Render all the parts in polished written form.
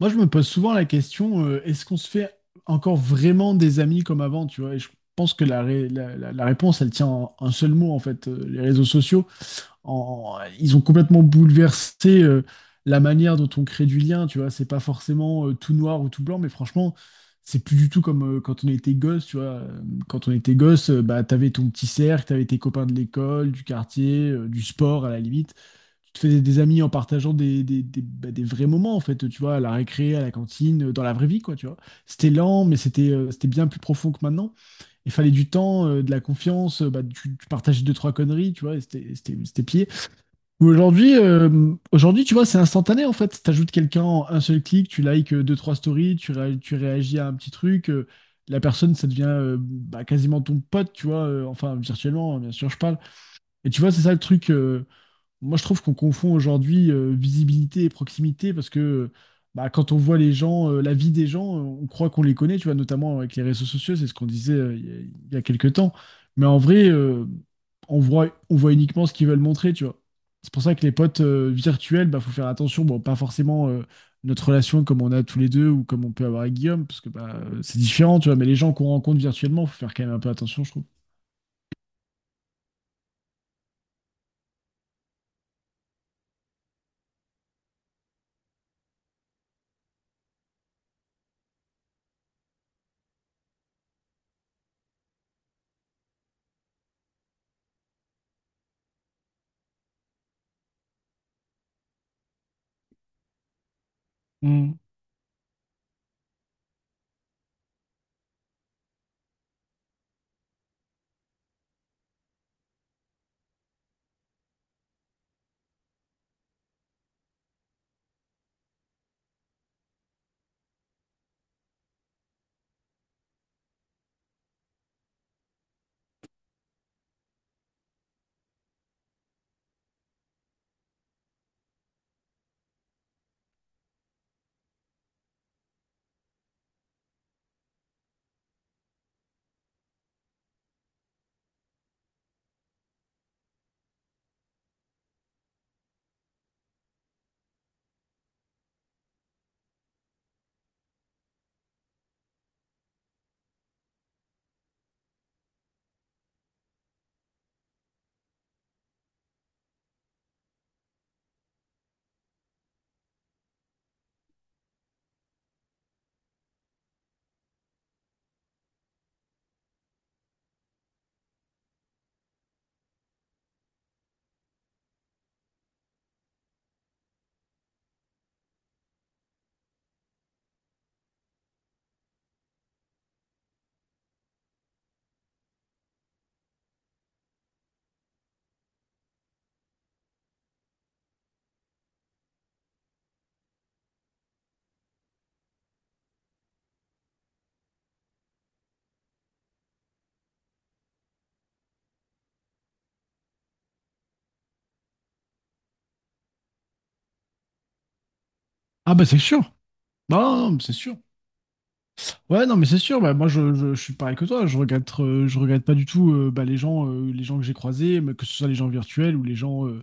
Moi, je me pose souvent la question, est-ce qu'on se fait encore vraiment des amis comme avant, tu vois? Et je pense que la, ré- la- la- la réponse, elle tient en un seul mot, en fait. Les réseaux sociaux, ils ont complètement bouleversé, la manière dont on crée du lien, tu vois? C'est pas forcément, tout noir ou tout blanc, mais franchement, c'est plus du tout comme, quand on était gosse, tu vois? Quand on était gosse, bah, t'avais ton petit cercle, t'avais tes copains de l'école, du quartier, du sport, à la limite tu te fais des amis en partageant bah, des vrais moments, en fait, tu vois, à la récré, à la cantine, dans la vraie vie, quoi, tu vois. C'était lent, mais c'était bien plus profond que maintenant. Il fallait du temps, de la confiance, bah, tu partageais deux, trois conneries, tu vois, et c'était pied. Ou Aujourd'hui, aujourd'hui, tu vois, c'est instantané, en fait. T'ajoutes quelqu'un en un seul clic, tu likes deux, trois stories, tu réagis à un petit truc. La personne, ça devient bah, quasiment ton pote, tu vois, enfin, virtuellement, hein, bien sûr, je parle. Et tu vois, c'est ça le truc. Moi, je trouve qu'on confond aujourd'hui visibilité et proximité parce que bah, quand on voit les gens, la vie des gens, on croit qu'on les connaît, tu vois, notamment avec les réseaux sociaux, c'est ce qu'on disait il y a quelques temps. Mais en vrai, on voit uniquement ce qu'ils veulent montrer, tu vois. C'est pour ça que les potes virtuels, bah, faut faire attention. Bon, pas forcément notre relation comme on a tous les deux ou comme on peut avoir avec Guillaume, parce que bah, c'est différent, tu vois. Mais les gens qu'on rencontre virtuellement, faut faire quand même un peu attention, je trouve. Hmm. Ah bah c'est sûr. Non, non, non, c'est sûr. Ouais, non, mais c'est sûr. Bah, moi, je suis pareil que toi. Je regrette pas du tout bah, les gens que j'ai croisés, mais que ce soit les gens virtuels ou les gens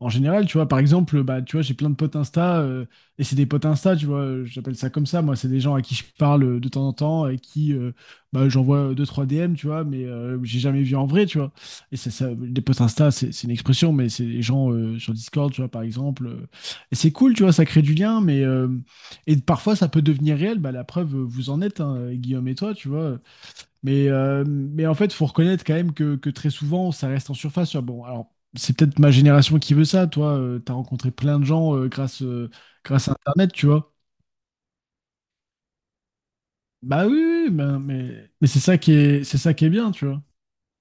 en général. Tu vois, par exemple, bah, tu vois, j'ai plein de potes Insta et c'est des potes Insta. Tu vois, j'appelle ça comme ça. Moi, c'est des gens à qui je parle de temps en temps et qui bah, j'envoie deux trois DM. Tu vois, mais j'ai jamais vu en vrai. Tu vois, et c'est ça. Des potes Insta, c'est une expression, mais c'est des gens sur Discord. Tu vois, par exemple. Et c'est cool. Tu vois, ça crée du lien, mais et parfois, ça peut devenir réel. Bah, la preuve, vous en êtes, hein, Guillaume et toi, tu vois. Mais en fait, il faut reconnaître quand même que très souvent, ça reste en surface. Ah, bon, alors, c'est peut-être ma génération qui veut ça. Toi, t'as rencontré plein de gens grâce à Internet, tu vois. Bah oui, oui, bah, mais c'est ça qui est, c'est ça qui est bien, tu vois.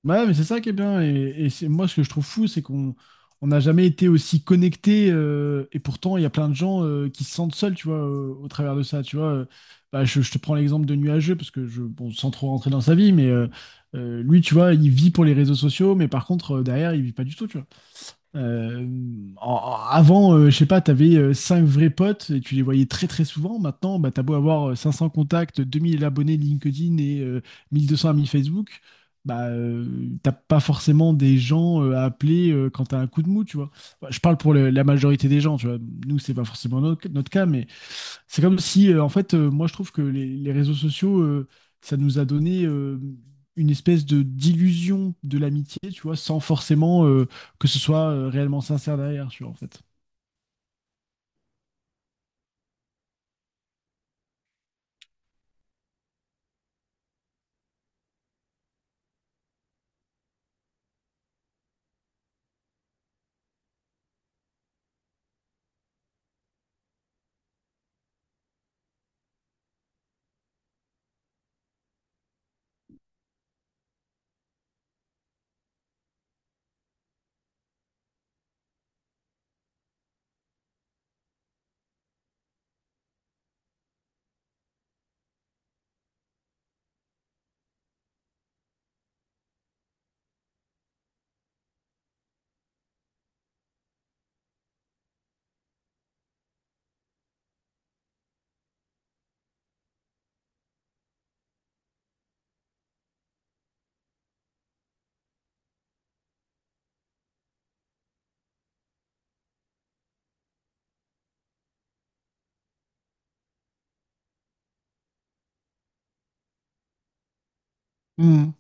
Bah ouais, mais c'est ça qui est bien. Moi, ce que je trouve fou, c'est qu'on on n'a jamais été aussi connectés. Et pourtant, il y a plein de gens qui se sentent seuls, tu vois, au travers de ça. Tu vois. Bah, je te prends l'exemple de Nuageux, parce que je, bon, sans trop rentrer dans sa vie, mais lui, tu vois, il vit pour les réseaux sociaux, mais par contre, derrière, il vit pas du tout, tu vois. Euh, en- Avant, je sais pas, t'avais avais 5 vrais potes et tu les voyais très très souvent. Maintenant, bah, t'as beau avoir 500 contacts, 2 000 abonnés LinkedIn et 1 200 amis Facebook, bah, t'as pas forcément des gens à appeler quand t'as un coup de mou, tu vois. Bah, je parle pour la majorité des gens, tu vois. Nous, c'est pas forcément notre cas, mais c'est comme si, en fait, moi, je trouve que les réseaux sociaux, ça nous a donné une espèce de d'illusion de l'amitié, tu vois, sans forcément... que ce soit réellement sincère derrière, tu vois, en fait. Hmm.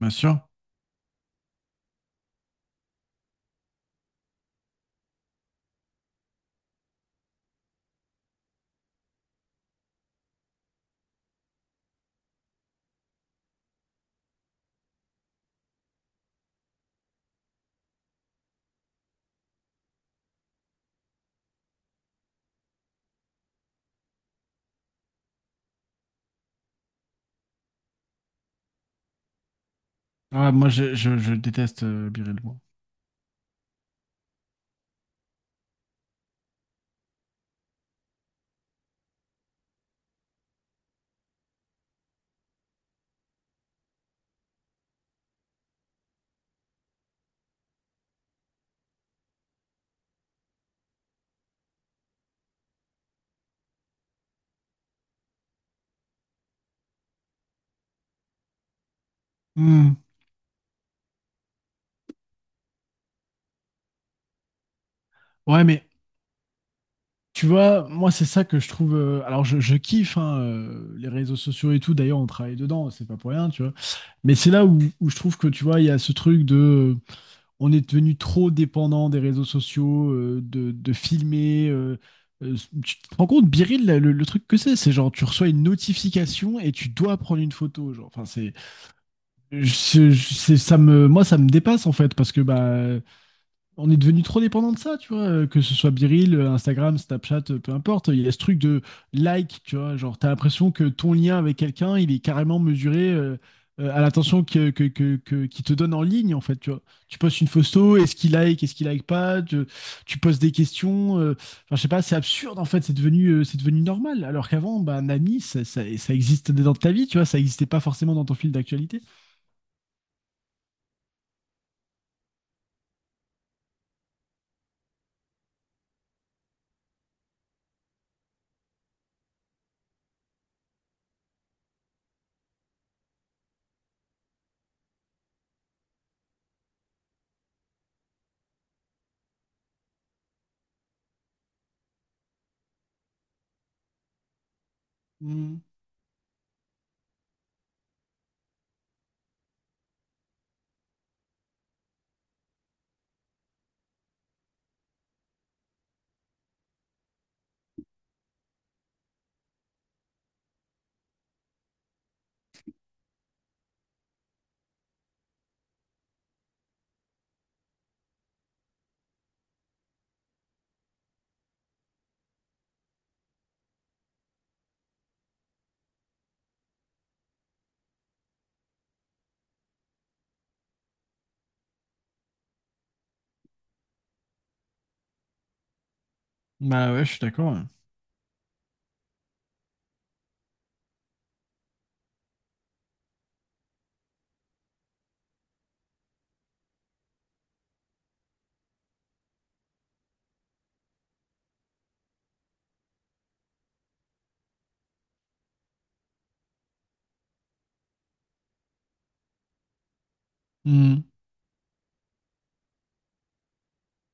Bien sûr. Ah, moi, je déteste Biril, moi. Hmm. Ouais, mais tu vois, moi, c'est ça que je trouve. Je kiffe hein, les réseaux sociaux et tout. D'ailleurs, on travaille dedans, c'est pas pour rien, tu vois. Mais c'est là où, où je trouve que, tu vois, il y a ce truc de. euh, on est devenu trop dépendant des réseaux sociaux, de filmer. Euh, Tu te rends compte, Biril, le truc que c'est genre, tu reçois une notification et tu dois prendre une photo. Genre, enfin, c'est. Ça moi, ça me dépasse en fait parce que bah, on est devenu trop dépendant de ça, tu vois, que ce soit Biril, Instagram, Snapchat, peu importe. Il y a ce truc de like, tu vois, genre t'as l'impression que ton lien avec quelqu'un, il est carrément mesuré à l'attention qu'il te donne en ligne en fait, tu vois. Tu postes une photo, est-ce qu'il like pas, tu poses des questions, enfin je sais pas, c'est absurde en fait, c'est devenu normal. Alors qu'avant, bah, un ami, ça existait dans ta vie, tu vois, ça existait pas forcément dans ton fil d'actualité. Hmm. Bah ouais, je suis d'accord. Hein. Hmm.